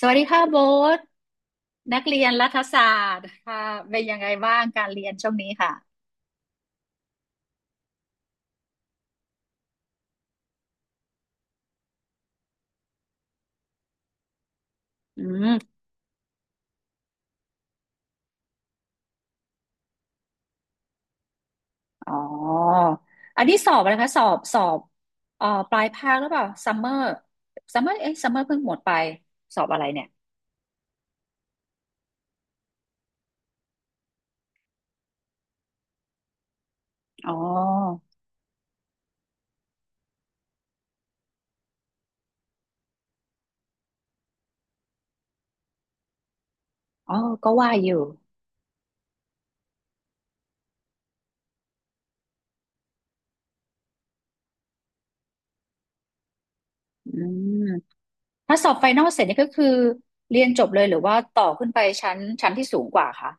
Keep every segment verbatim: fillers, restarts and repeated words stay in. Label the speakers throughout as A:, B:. A: สวัสดีค่ะโบ๊ทนักเรียนรัฐศาสตร์ค่ะเป็นยังไงบ้างการเรียนช่วงนี้ค่ะอืมอ๋ออันนี้สอบอะไรคะสอบสอบเอ่อปลายภาคหรือเปล่าซัมเมอร์ซัมเมอร์เอ้ยซัมเมอร์เพิ่งหมดไปสอบอะไรเนี่ยอ๋ออ๋อก็ว่าอยู่อืมถ้าสอบไฟนอลเสร็จนี่ก็คือเรียนจบเลยหรือว่าต่อขึ้นไปชั้นชั้นที่สูงกว่าคะ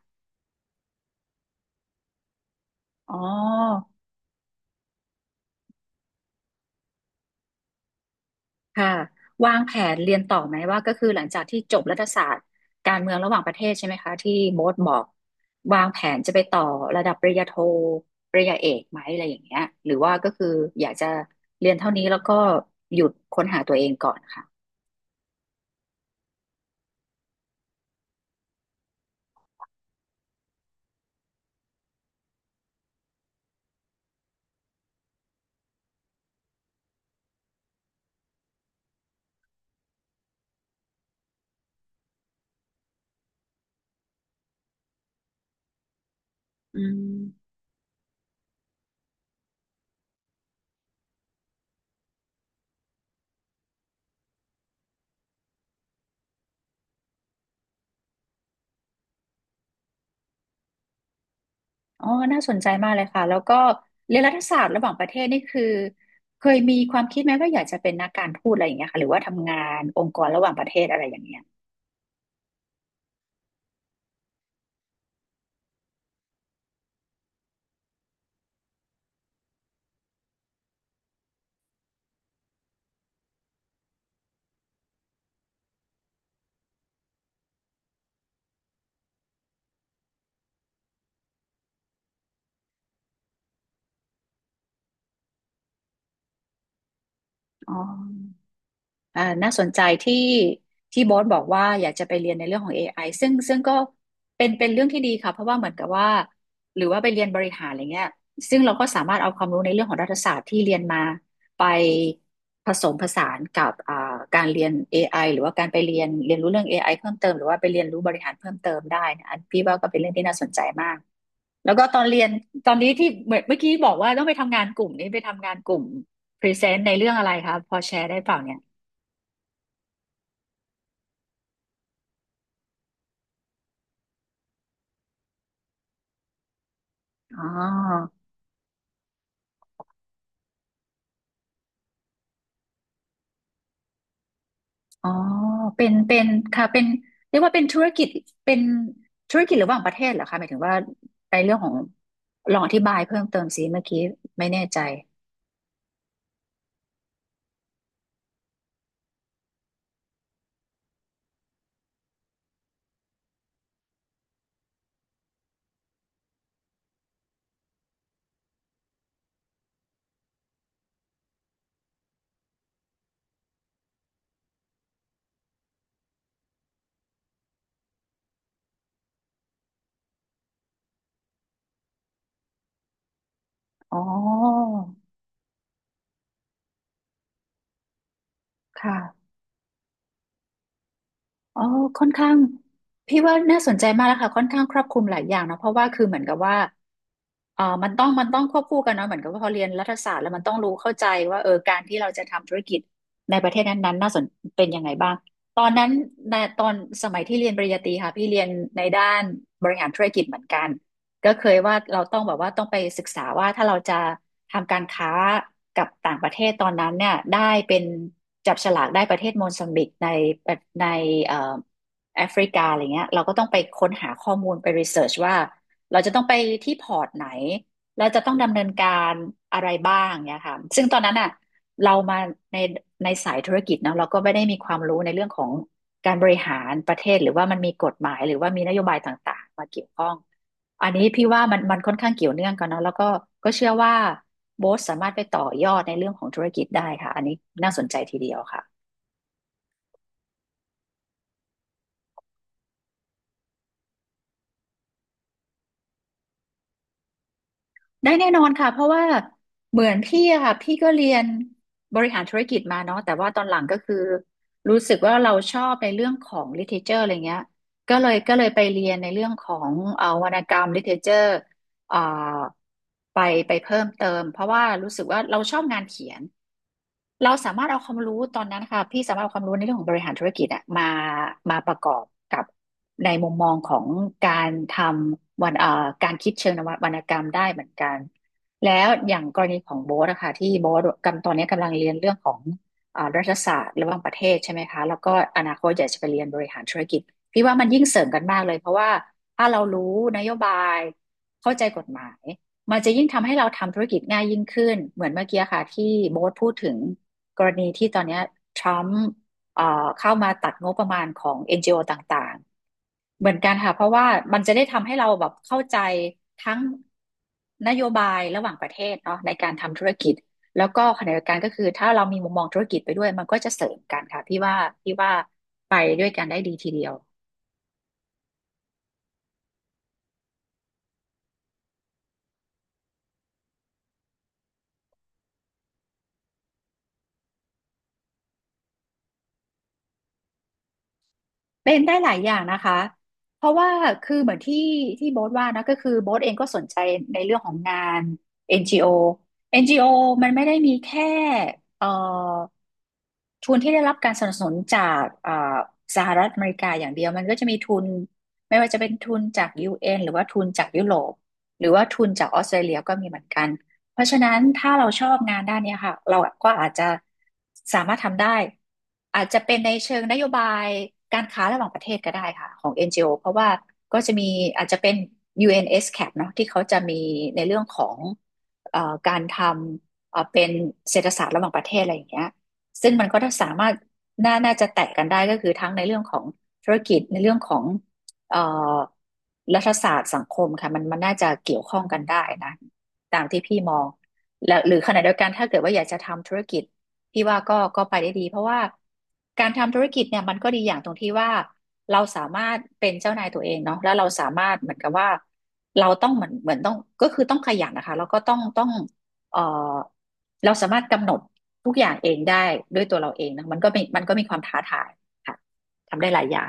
A: อ๋อ ค่ะวางแผนเรียนต่อไหมว่าก็คือหลังจากที่จบรัฐศาสตร์การเมืองระหว่างประเทศใช่ไหมคะที่โบ๊ทบอกวางแผนจะไปต่อระดับปริญญาโทปริญญาเอกไหมอะไรอย่างเงี้ยหรือว่าก็คืออยากจะเรียนเท่านี้แล้วก็หยุดค้นหาตัวเองก่อนค่ะอืมอ๋อน่าสนใจมากเลยค่ะแล้วก็เรียนรัฐศาสตร์ระหว่างประเทศนี่คือเคยมีความคิดไหมว่าอยากจะเป็นนักการทูตอะไรอย่างเงี้ยค่ะหรือว่าทำงานองค์กรระหว่างประเทศอะไรอย่างเงี้ยอ๋อ อ่าน่าสนใจที่ที่บอสบอกว่าอยากจะไปเรียนในเรื่องของ เอ ไอ ซึ่งซึ่งก็เป็นเป็นเรื่องที่ดีค่ะเพราะว่าเหมือนกับว่าหรือว่าไปเรียนบริหารอะไรเงี้ยซึ่งเราก็สามารถเอาความรู้ในเรื่องของรัฐศาสตร์ที่เรียนมาไปผสมผสานกับอ่าการเรียนเอไอหรือว่าการไปเรียนเรียนรู้เรื่องเอไอเพิ่มเติมหรือว่าไปเรียนรู้บริหารเพิ่มเติมได้นะอันพี่ว่าก็เป็นเรื่องที่น่าสนใจมากแล้วก็ตอนเรียนตอนนี้ที่เหมือนเมื่อกี้บอกว่าต้องไปทำงานกลุ่มนี้ไปทำงานกลุ่มพรีเซนต์ในเรื่องอะไรคะพอแชร์ได้เปล่าเนี่ย อ๋ออ๋อเป็นเป็นค่ะเป็นเรียกว่าเป็นธุรกิจเป็นธุรกิจระหว่างประเทศเหรอคะหมายถึงว่าในเรื่องของลองอธิบายเพิ่มเติมสิเมื่อกี้ไม่แน่ใจ อ๋อค่ะอ๋อค่อนข้างพี่ว่าน่าสนใจมากแล้วค่ะค่อนข้างครอบคลุมหลายอย่างนะเพราะว่าคือเหมือนกับว่า เอ่อมันต้องมันต้องควบคู่กันเนาะเหมือนกับว่าพอเรียนรัฐศาสตร์แล้วมันต้องรู้เข้าใจว่าเออการที่เราจะทำธุรกิจในประเทศนั้นๆน่าสนเป็นยังไงบ้างตอนนั้นในตอนสมัยที่เรียนปริญญาตรีค่ะพี่เรียนในด้านบริหารธุรกิจเหมือนกันก็เคยว่าเราต้องแบบว่าต้องไปศึกษาว่าถ้าเราจะทำการค้ากับต่างประเทศตอนนั้นเนี่ยได้เป็นจับฉลากได้ประเทศโมซัมบิกในในเอ่อแอฟริกาอะไรเงี้ยเราก็ต้องไปค้นหาข้อมูลไปรีเสิร์ชว่า เราจะต้องไปที่พอร์ตไหนเราจะต้องดำเนินการอะไรบ้างเนี่ยค่ะซึ่งตอนนั้นอ่ะเรามาในในสายธุรกิจเนาะเราก็ไม่ได้มีความรู้ในเรื่องของการบริหารประเทศหรือว่ามันมีกฎหมายหรือว่ามีนโยบายต่างๆมาเกี่ยวข้องอันนี้พี่ว่ามันมันค่อนข้างเกี่ยวเนื่องกันเนาะแล้วก็ก็เชื่อว่าโบสสามารถไปต่อยอดในเรื่องของธุรกิจได้ค่ะอันนี้น่าสนใจทีเดียวค่ะ ได้แน่นอนค่ะเพราะว่าเหมือนพี่อะค่ะพี่ก็เรียนบริหารธุรกิจมาเนาะแต่ว่าตอนหลังก็คือรู้สึกว่าเราชอบในเรื่องของ literature อะไรเงี้ยก็เลยก็เลยไปเรียนในเรื่องของเอ่อวรรณกรรม literature เอ่อไปไปเพิ่มเติมเพราะว่ารู้สึกว่าเราชอบงานเขียนเราสามารถเอาความรู้ตอนนั้นค่ะพี่สามารถเอาความรู้ในเรื่องของบริหารธุรกิจอะมามาประกอบกับในมุมมองของการทำวรรณเอ่อการคิดเชิงนววรรณกรรมได้เหมือนกันแล้วอย่างกรณีของโบ๊ทอะค่ะที่โบ๊ทกำตอนนี้กำลังเรียนเรื่องของอ่ารัฐศาสตร์ระหว่างประเทศใช่ไหมคะแล้วก็อนาคตอยากจะไปเรียนบริหารธุรกิจพี่ว่ามันยิ่งเสริมกันมากเลยเพราะว่าถ้าเรารู้นโยบาย เข้าใจกฎหมายมันจะยิ่งทำให้เราทำธุรกิจง่ายยิ่งขึ้นเหมือนเมื่อกี้ค่ะที่โบ๊ทพูดถึงกรณีที่ตอนนี้ทรัมป์เอ่อเข้ามาตัดงบประมาณของเอ็นจีโอต่างๆเหมือนกันค่ะเพราะว่ามันจะได้ทำให้เราแบบเข้าใจทั้งนโยบายระหว่างประเทศเนาะในการทำธุรกิจแล้วก็ขณะเดียวกันก็คือถ้าเรามีมุมมองธุรกิจไปด้วยมันก็จะเสริมกันค่ะพี่ว่าพี่ว่าไปด้วยกันได้ดีทีเดียว เป็นได้หลายอย่างนะคะ เพราะว่าคือเหมือนที่ที่โบ๊ทว่านะก็คือโบ๊ทเองก็สนใจในเรื่องของงาน เอ็น จี โอ เอ็น จี โอ มันไม่ได้มีแค่เอ่อ ทุนที่ได้รับการสนับสนุนจากเอ่อสหรัฐอเมริกาอย่างเดียวมันก็จะมีทุนไม่ว่าจะเป็นทุนจาก ยู เอ็น หรือว่าทุนจากยุโรปหรือว่าทุนจากออสเตรเลียก็มีเหมือนกันเพราะฉะนั้นถ้าเราชอบงานด้านเนี้ยค่ะเราก็อาจจะสามารถทำได้อาจจะเป็นในเชิงนโยบายการค้าระหว่างประเทศก็ได้ค่ะของ เอ็น จี โอ เพราะว่าก็จะมีอาจจะเป็น UNSCAP เอ็นเอสซีเอพีเนาะที่เขาจะมีในเรื่องของเอ่อการทำเอ่อเป็นเศรษฐศาสตร์ระหว่างประเทศอะไรอย่างเงี้ย ซึ่งมันก็ถ้าสามารถน่าน่าจะแตะกันได้ก็คือทั้งในเรื่องของธุรกิจในเรื่องของเอ่อรัฐศาสตร์สังคมค่ะมันมันน่าจะเกี่ยวข้องกันได้นะตามที่พี่มองแล้วหรือขณะเดียวกันถ้าเกิดว่าอยากจะทำธุรกิจพี่ว่าก็ก็ไปได้ดีเพราะว่าการทำธุรกิจเนี่ยมันก็ดีอย่างตรงที่ว่าเราสามารถเป็นเจ้านายตัวเองเนาะแล้วเราสามารถเหมือนกับว่าเราต้องเหมือนเหมือนต้องก็คือต้องขยันนะคะแล้วก็ต้องต้อง เอ่อเราสามารถกำหนดทุกอย่างเองได้ด้วยตัวเราเองนะมันก็มีมันก็มีความท้าทายค่ะทำได้หลายอย่าง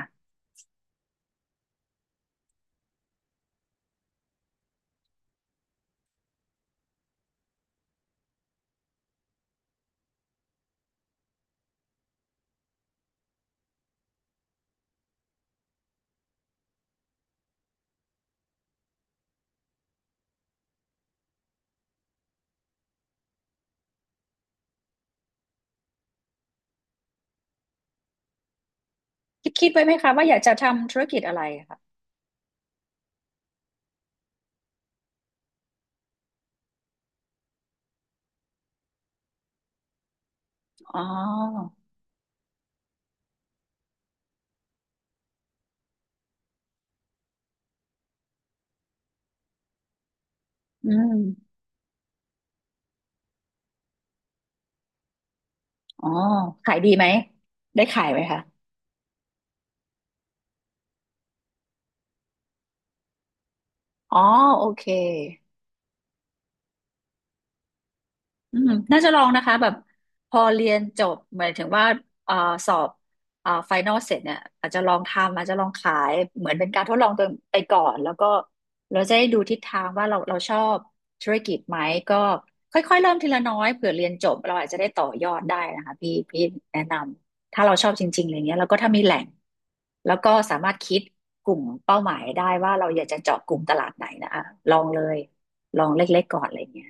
A: คิดคิดไว้ไหมคะว่าอยากจะทำธุรกิจอะไรค่ะอ๋ออืมอ๋อขายดีไหมได้ขายไหมคะอ๋อโอเค อืมน่าจะลองนะคะแบบพอเรียนจบหมายถึงว่าเอ่อสอบเอ่อไฟนอลเสร็จเนี่ยอาจจะลองทำอาจจะลองขายเหมือนเป็นการทดลองตัวไปก่อนแล้วก็เราจะได้ดูทิศทางว่าเราเราชอบธุรกิจไหมก็ค่อยๆเริ่มทีละน้อยเผื่อเรียนจบเราอาจจะได้ต่อยอดได้นะคะพี่พี่แนะนำถ้าเราชอบจริงๆอะไรเงี้ยแล้วก็ถ้ามีแหล่งแล้วก็สามารถคิดกลุ่มเป้าหมายได้ว่าเราอยากจะเจาะกลุ่มตลาดไหนนะอะลองเลยลองเล็กๆก่อนอะไรเงี้ย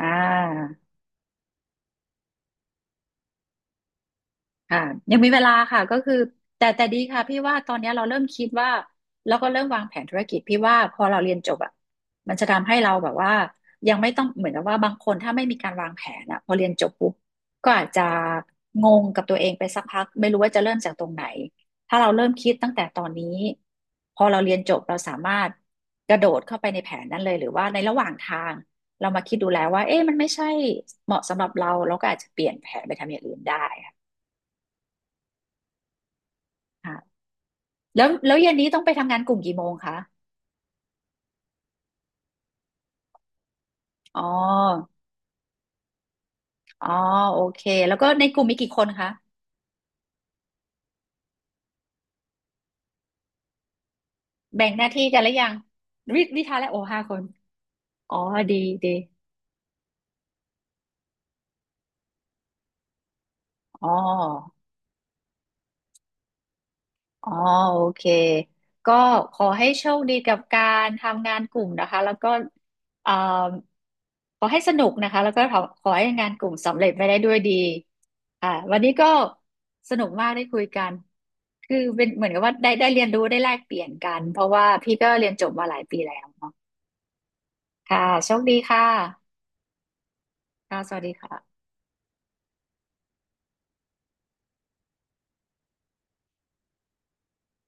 A: อ่า ค่ะยังมีเวลาค่ะก็คือแต่แต่ดีค่ะพี่ว่าตอนเนี้ยเราเริ่มคิดว่าแล้วก็เริ่มวางแผนธุรกิจพี่ว่าพอเราเรียนจบอ่ะมันจะทำให้เราแบบว่ายังไม่ต้องเหมือนกับว่าบางคนถ้าไม่มีการวางแผนอ่ะพอเรียนจบปุ๊บก็อาจจะงงกับตัวเองไปสักพักไม่รู้ว่าจะเริ่มจากตรงไหนถ้าเราเริ่มคิดตั้งแต่ตอนนี้พอเราเรียนจบเราสามารถกระโดดเข้าไปในแผนนั้นเลยหรือว่าในระหว่างทางเรามาคิดดูแล้วว่าเอ๊ะมันไม่ใช่เหมาะสำหรับเราเราก็อาจจะเปลี่ยนแผนไปทำอย่างอื่นได้ค่ะ แล้วแล้วเย็นนี้ต้องไปทำงานกลุ่มกี่โมงคะอ๋ออ๋อ โอเค แล้วก็ในกลุ่มมีกี่คนคะ แบ่งหน้าที่กันหรือยังวิวิทาและโอห้าคน อ๋อ ดีดี อ๋อ อ๋อโอเคก็ขอให้โชคดีกับการทำงานกลุ่มนะคะแล้วก็เอ่อขอให้สนุกนะคะแล้วก็ขอขอให้งานกลุ่มสำเร็จไปได้ด้วยดีอ่าวันนี้ก็สนุกมากได้คุยกันคือเป็นเหมือนกับว่าได้ได้เรียนรู้ได้แลกเปลี่ยนกันเพราะว่าพี่ก็เรียนจบมาหลายปีแล้วเนาะค่ะโชคดีค่ะค่ะสวัสดีค่ะ